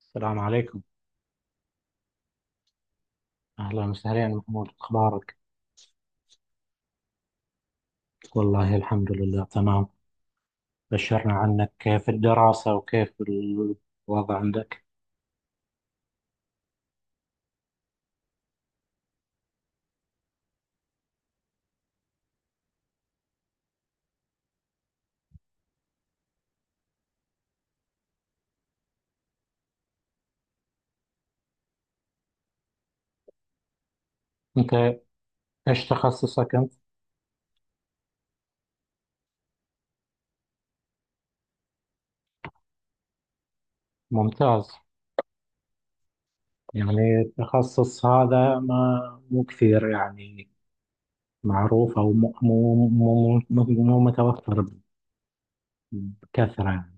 السلام عليكم. أهلا وسهلا محمود، أخبارك؟ والله الحمد لله تمام. بشرنا عنك، كيف الدراسة وكيف الوضع عندك أنت؟ إيش تخصصك أنت؟ ممتاز. يعني التخصص هذا ما مو كثير يعني معروف، أو مو مو مو, مو مو متوفر بكثرة يعني.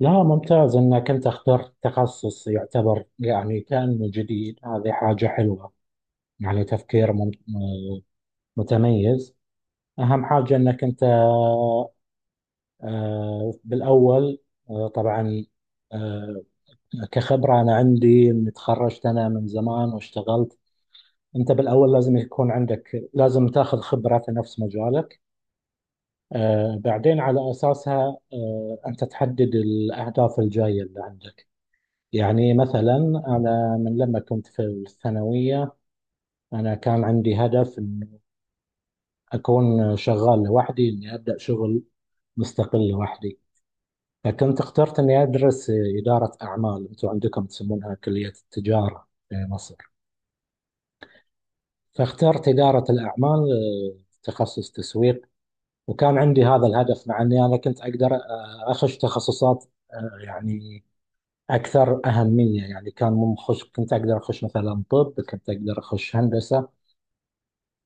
لا، ممتاز أنك أنت اخترت تخصص يعتبر يعني كأنه جديد، هذه حاجة حلوة. يعني تفكير متميز. أهم حاجة أنك أنت، بالأول طبعا، آه، كخبرة أنا عندي إني تخرجت أنا من زمان واشتغلت. أنت بالأول لازم يكون عندك، لازم تاخذ خبرة في نفس مجالك، بعدين على أساسها أنت تحدد الأهداف الجاية اللي عندك. يعني مثلا أنا من لما كنت في الثانوية، أنا كان عندي هدف إن أكون شغال لوحدي، إني أبدأ شغل مستقل لوحدي. كنت اخترت اني ادرس اداره اعمال، انتم عندكم تسمونها كليه التجاره في مصر. فاخترت اداره الاعمال، تخصص تسويق. وكان عندي هذا الهدف، مع اني انا كنت اقدر اخش تخصصات آه، يعني اكثر اهميه. يعني كان مخش كنت اقدر اخش مثلا طب، كنت اقدر اخش هندسه.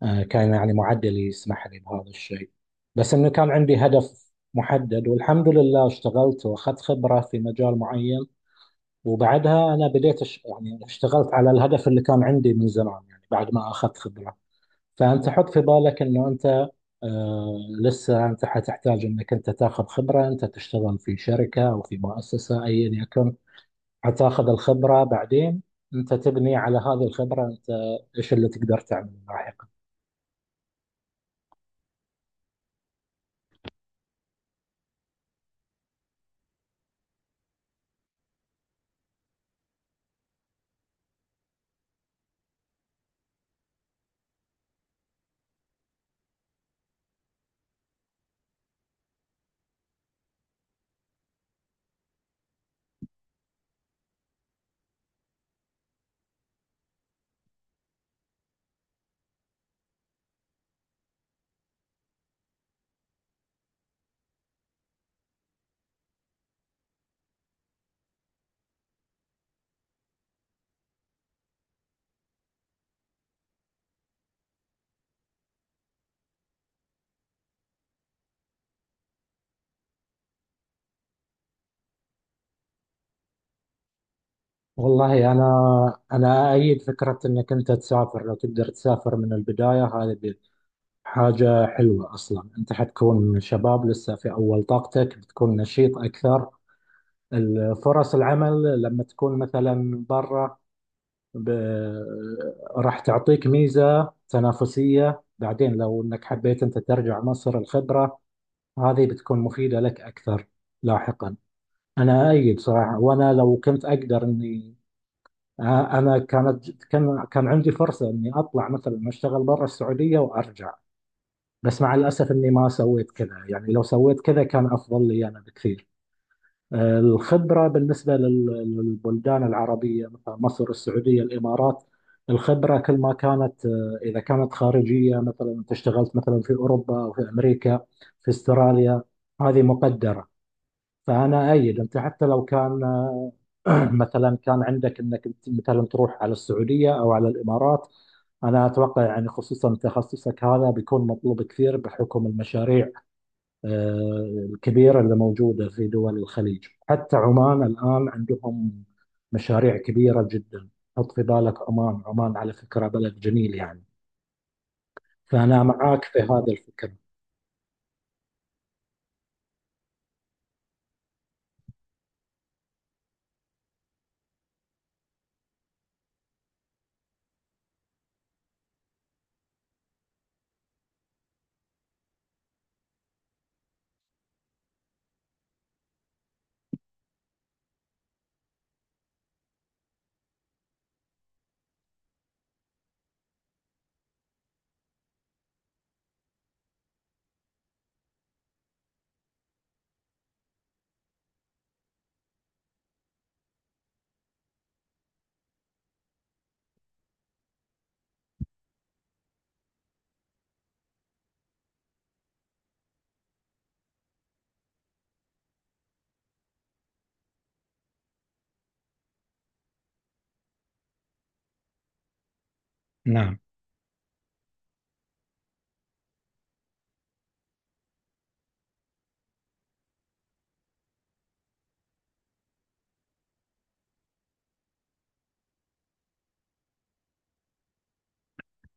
كان يعني معدلي يسمح لي بهذا الشيء، بس انه كان عندي هدف محدد. والحمد لله اشتغلت واخذت خبره في مجال معين، وبعدها انا يعني اشتغلت على الهدف اللي كان عندي من زمان، يعني بعد ما اخذت خبره. فانت حط في بالك انه انت، آه لسه انت حتحتاج انك انت تاخذ خبره، انت تشتغل في شركه او في مؤسسه ايا يكن. حتاخذ الخبره، بعدين انت تبني على هذه الخبره، انت ايش اللي تقدر تعمله لاحقا. والله انا ايد فكره انك انت تسافر. لو تقدر تسافر من البدايه، هذه حاجة حلوة أصلا. أنت حتكون شباب لسه في أول طاقتك، بتكون نشيط أكثر. فرص العمل لما تكون مثلا برا، ب... راح تعطيك ميزة تنافسية. بعدين لو أنك حبيت أنت ترجع مصر، الخبرة هذه بتكون مفيدة لك أكثر لاحقا. أنا أيد صراحة. وأنا لو كنت أقدر أني، أنا كان عندي فرصة أني أطلع مثلا أشتغل برا السعودية وأرجع، بس مع الأسف إني ما سويت كذا. يعني لو سويت كذا كان أفضل لي أنا بكثير. الخبرة بالنسبة للبلدان العربية، مثلا مصر، السعودية، الإمارات. الخبرة كل ما كانت، إذا كانت خارجية، مثلا أنت اشتغلت مثلا في أوروبا أو في أمريكا، في أستراليا، هذه مقدرة. فانا ايد انت، حتى لو كان مثلا كان عندك انك أنت مثلا تروح على السعوديه او على الامارات، انا اتوقع يعني خصوصا تخصصك هذا بيكون مطلوب كثير بحكم المشاريع الكبيره اللي موجوده في دول الخليج. حتى عمان الان عندهم مشاريع كبيره جدا. حط في بالك، عمان عمان على فكره بلد جميل يعني. فانا معاك في هذا الفكر. نعم.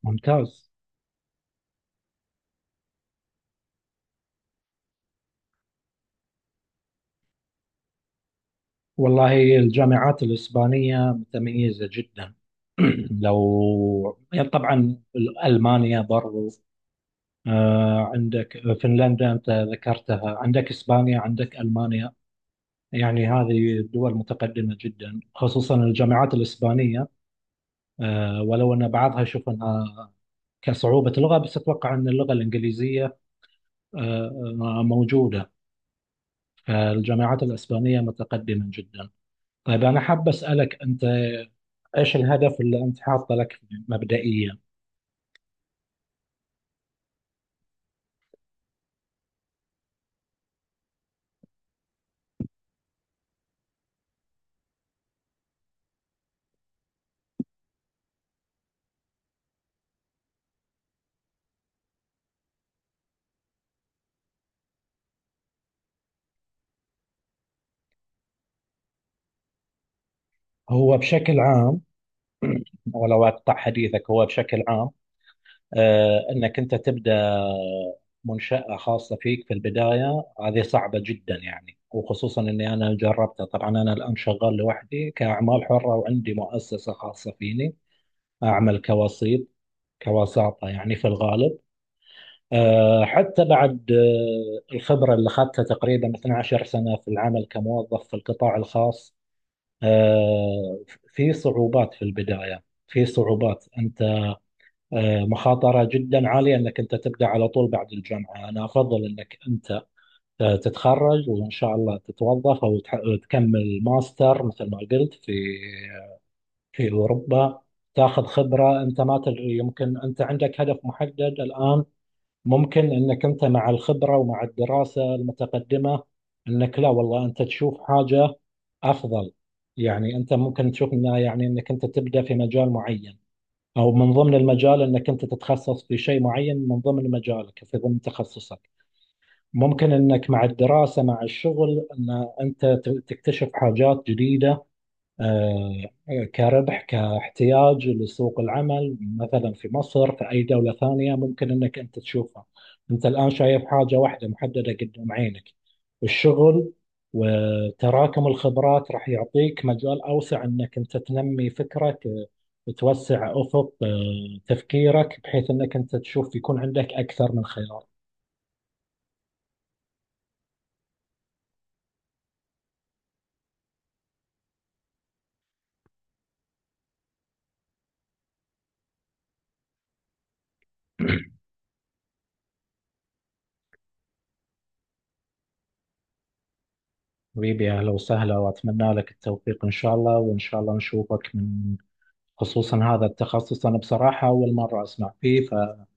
ممتاز. والله الجامعات الإسبانية متميزة جدا. لو يعني طبعا ألمانيا برضو. عندك فنلندا أنت ذكرتها، عندك إسبانيا، عندك ألمانيا. يعني هذه دول متقدمة جدا، خصوصا الجامعات الإسبانية. ولو أن بعضها أشوف أنها كصعوبة لغة، بس أتوقع أن اللغة الإنجليزية آه، موجودة. فالجامعات الإسبانية متقدمة جدا. طيب أنا حاب أسألك أنت، ايش الهدف اللي انت حاطه لك مبدئيا؟ هو بشكل عام، ولو اقطع حديثك، هو بشكل عام انك انت تبدا منشاه خاصه فيك في البدايه، هذه صعبه جدا يعني. وخصوصا اني انا جربتها، طبعا انا الان شغال لوحدي كاعمال حره وعندي مؤسسه خاصه فيني، اعمل كوسيط، كوساطه يعني في الغالب. حتى بعد الخبره اللي اخذتها تقريبا 12 سنه في العمل كموظف في القطاع الخاص. آه، في صعوبات في البداية، في صعوبات. أنت مخاطرة جدا عالية أنك أنت تبدأ على طول بعد الجامعة. أنا أفضل أنك أنت تتخرج وإن شاء الله تتوظف، أو تكمل ماستر مثل ما قلت في أوروبا. تاخذ خبرة. أنت ما تدري، يمكن أنت عندك هدف محدد الآن، ممكن انك انت مع الخبره ومع الدراسه المتقدمه، انك لا والله انت تشوف حاجه افضل. يعني انت ممكن تشوف انها، يعني انك انت تبدا في مجال معين، او من ضمن المجال انك انت تتخصص في شيء معين من ضمن مجالك، في ضمن تخصصك. ممكن انك مع الدراسه مع الشغل، ان انت تكتشف حاجات جديده، كربح كاحتياج لسوق العمل مثلا في مصر، في أي دولة ثانية ممكن أنك أنت تشوفها. أنت الآن شايف حاجة واحدة محددة قدام عينك، الشغل. وتراكم الخبرات راح يعطيك مجال أوسع، أنك أنت تنمي فكرك، توسع أفق تفكيرك، بحيث أنك أنت تشوف يكون عندك أكثر من خيار. حبيبي أهلا وسهلا، وأتمنى لك التوفيق إن شاء الله. وإن شاء الله نشوفك، من خصوصا هذا التخصص أنا بصراحة أول مرة أسمع فيه، فإن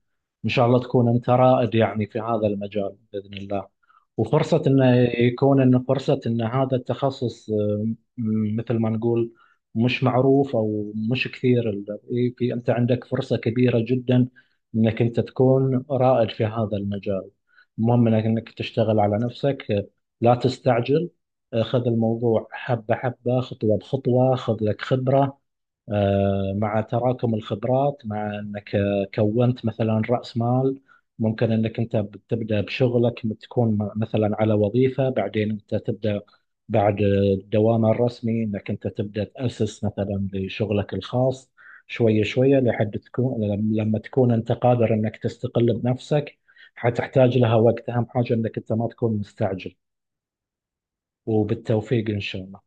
شاء الله تكون أنت رائد يعني في هذا المجال بإذن الله. وفرصة أنه يكون، أن فرصة أن هذا التخصص، مثل ما نقول مش معروف، أو مش كثير ال- إيه، في، أنت عندك فرصة كبيرة جدا أنك أنت تكون رائد في هذا المجال. المهم أنك تشتغل على نفسك، لا تستعجل. خذ الموضوع حبة حبة، خطوة بخطوة. خذ لك خبرة، مع تراكم الخبرات، مع انك كونت مثلا راس مال. ممكن انك انت تبدا بشغلك، تكون مثلا على وظيفه، بعدين انت تبدا بعد الدوام الرسمي انك انت تبدا تاسس مثلا لشغلك الخاص. شويه شويه لحد تكون لما تكون انت قادر انك تستقل بنفسك. حتحتاج لها وقت، اهم حاجه انك انت ما تكون مستعجل. وبالتوفيق ان شاء الله.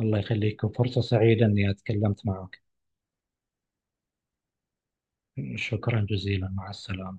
الله يخليكم، فرصه سعيده اني اتكلمت معك. شكرا جزيلا، مع السلامة.